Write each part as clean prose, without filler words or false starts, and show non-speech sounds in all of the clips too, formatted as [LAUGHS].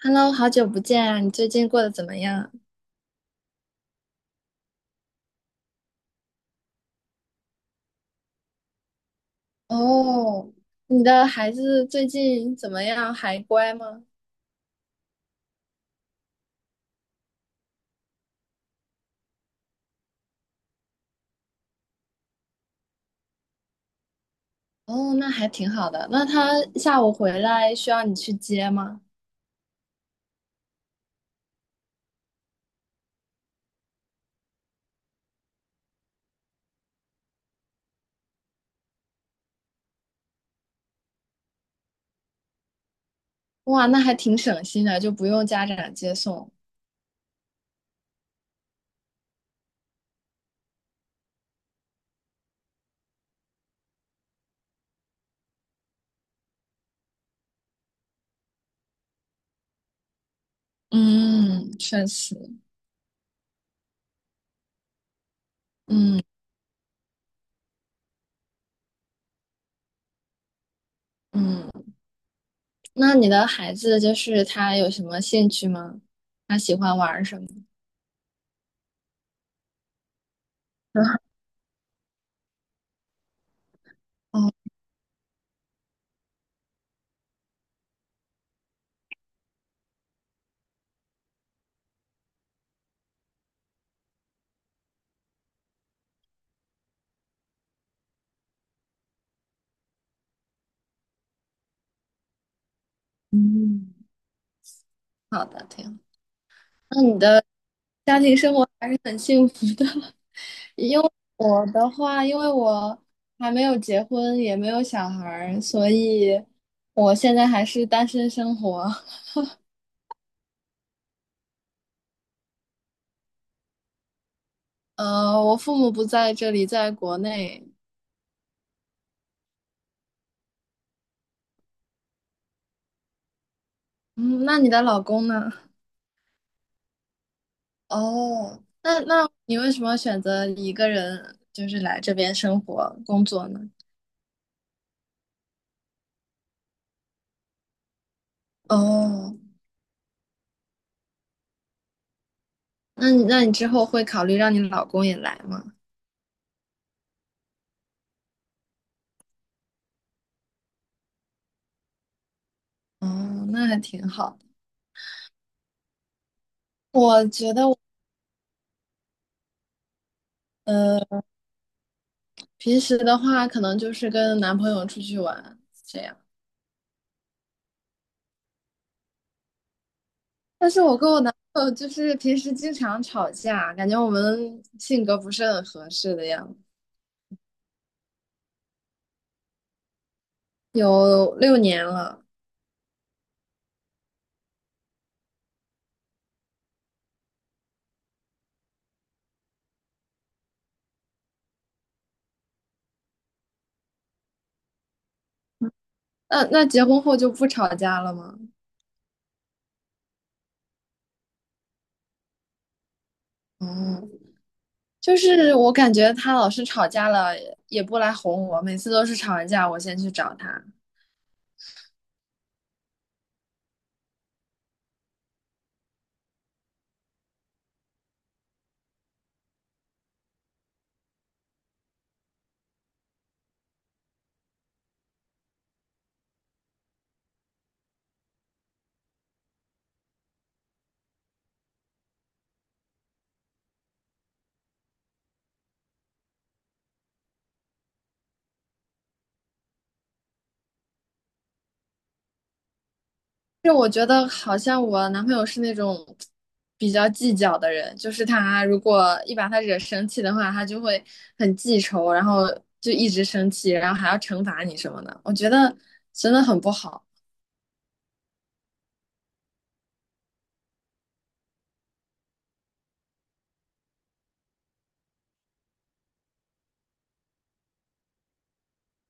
Hello，好久不见啊！你最近过得怎么样？哦，你的孩子最近怎么样？还乖吗？哦，那还挺好的。那他下午回来需要你去接吗？哇，那还挺省心的，就不用家长接送。嗯，确实。嗯嗯，那你的孩子就是他有什么兴趣吗？他喜欢玩儿什么？[LAUGHS] 哦，嗯，好的，挺好。那你的家庭生活还是很幸福的。因为我的话，因为我还没有结婚，也没有小孩儿，所以我现在还是单身生活。[LAUGHS] 我父母不在这里，在国内。嗯，那你的老公呢？哦，那你为什么选择一个人就是来这边生活工作呢？哦，那你之后会考虑让你老公也来吗？哦，那还挺好的。我觉得我。呃平时的话，可能就是跟男朋友出去玩这样。但是我跟我男朋友就是平时经常吵架，感觉我们性格不是很合适的样子。有六年了，那结婚后就不吵架了吗？哦，就是我感觉他老是吵架了，也不来哄我，每次都是吵完架我先去找他，就我觉得好像我男朋友是那种比较计较的人，就是他如果一把他惹生气的话，他就会很记仇，然后就一直生气，然后还要惩罚你什么的，我觉得真的很不好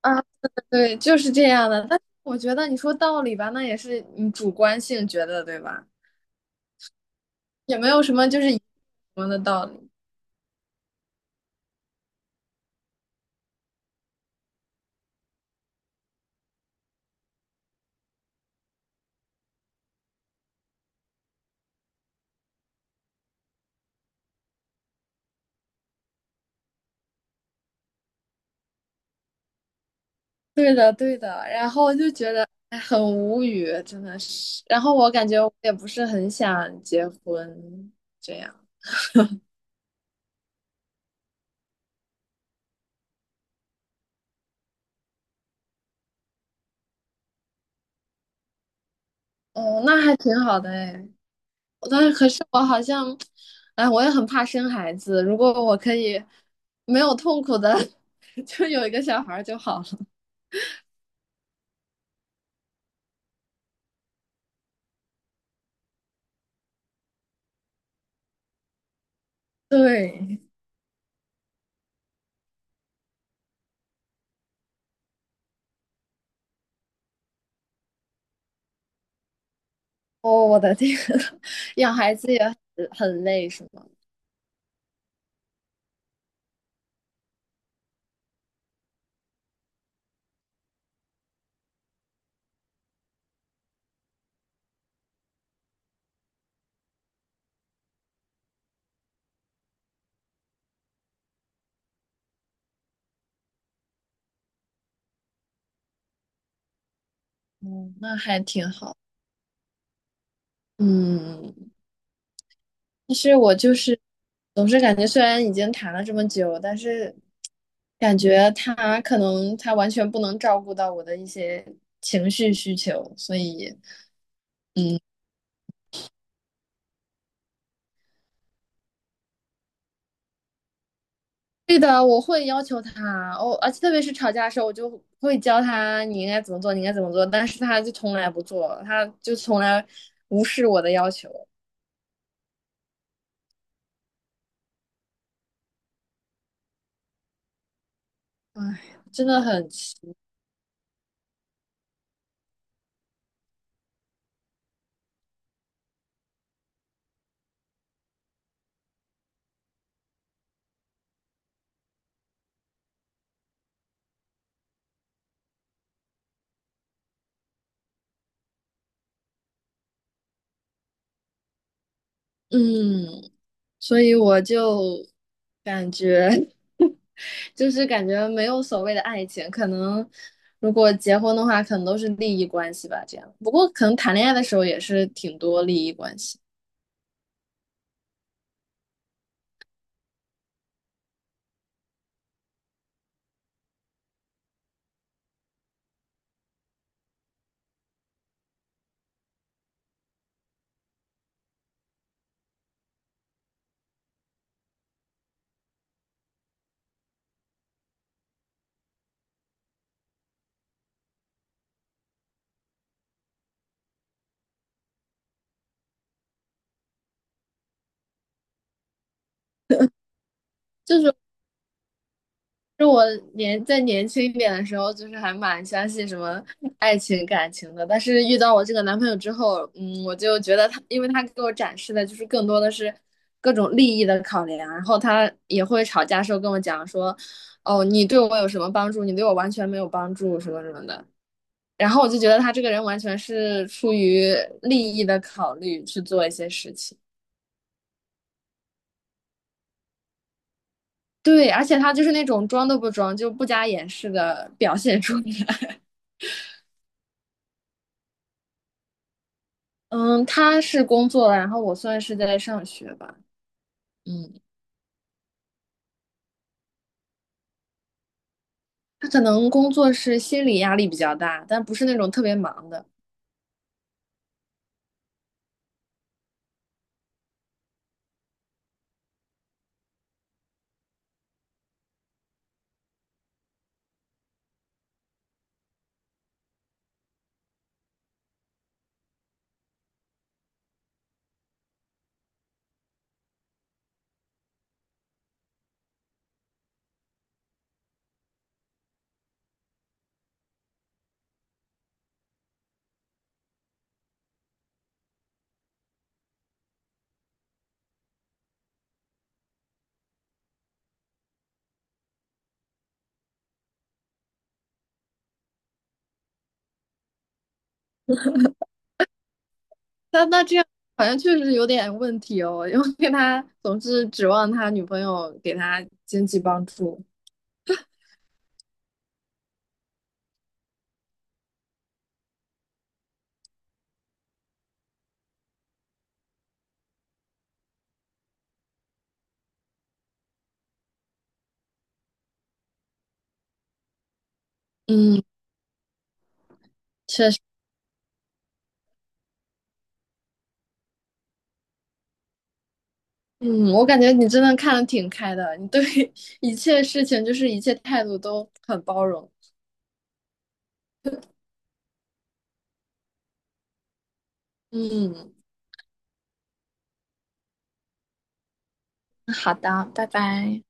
啊。[LAUGHS] 对，就是这样的。但是我觉得你说道理吧，那也是你主观性觉得，对吧？也没有什么就是一什么的道理。对的，对的，然后就觉得哎很无语，真的是。然后我感觉我也不是很想结婚，这样。哦，那还挺好的哎。但是可是我好像，哎，我也很怕生孩子。如果我可以没有痛苦的，[LAUGHS] 就有一个小孩儿就好了。对，哦，我的天，[LAUGHS] 养孩子也很累，是吗？嗯，那还挺好。嗯，其实我就是总是感觉，虽然已经谈了这么久，但是感觉他可能他完全不能照顾到我的一些情绪需求，所以，嗯，对的，我会要求他，哦，而且特别是吵架的时候，我就会教他你应该怎么做，你应该怎么做，但是他就从来不做，他就从来无视我的要求，唉，真的很奇，嗯，所以我就感觉。[LAUGHS] 就是感觉没有所谓的爱情，可能如果结婚的话，可能都是利益关系吧。这样，不过可能谈恋爱的时候也是挺多利益关系。就是就我在年轻一点的时候，就是还蛮相信什么爱情感情的，但是遇到我这个男朋友之后，嗯，我就觉得他，因为他给我展示的就是更多的是各种利益的考量，然后他也会吵架时候跟我讲说，哦，你对我有什么帮助，你对我完全没有帮助，什么什么的。然后我就觉得他这个人完全是出于利益的考虑去做一些事情。对，而且他就是那种装都不装，就不加掩饰的表现出来。[LAUGHS] 嗯，他是工作了，然后我算是在上学吧。嗯，他可能工作是心理压力比较大，但不是那种特别忙的。那这样好像确实有点问题哦，因为他总是指望他女朋友给他经济帮助。嗯，确实。嗯，我感觉你真的看得挺开的，你对 [LAUGHS] 一切事情就是一切态度都很包容。嗯，好的，拜拜。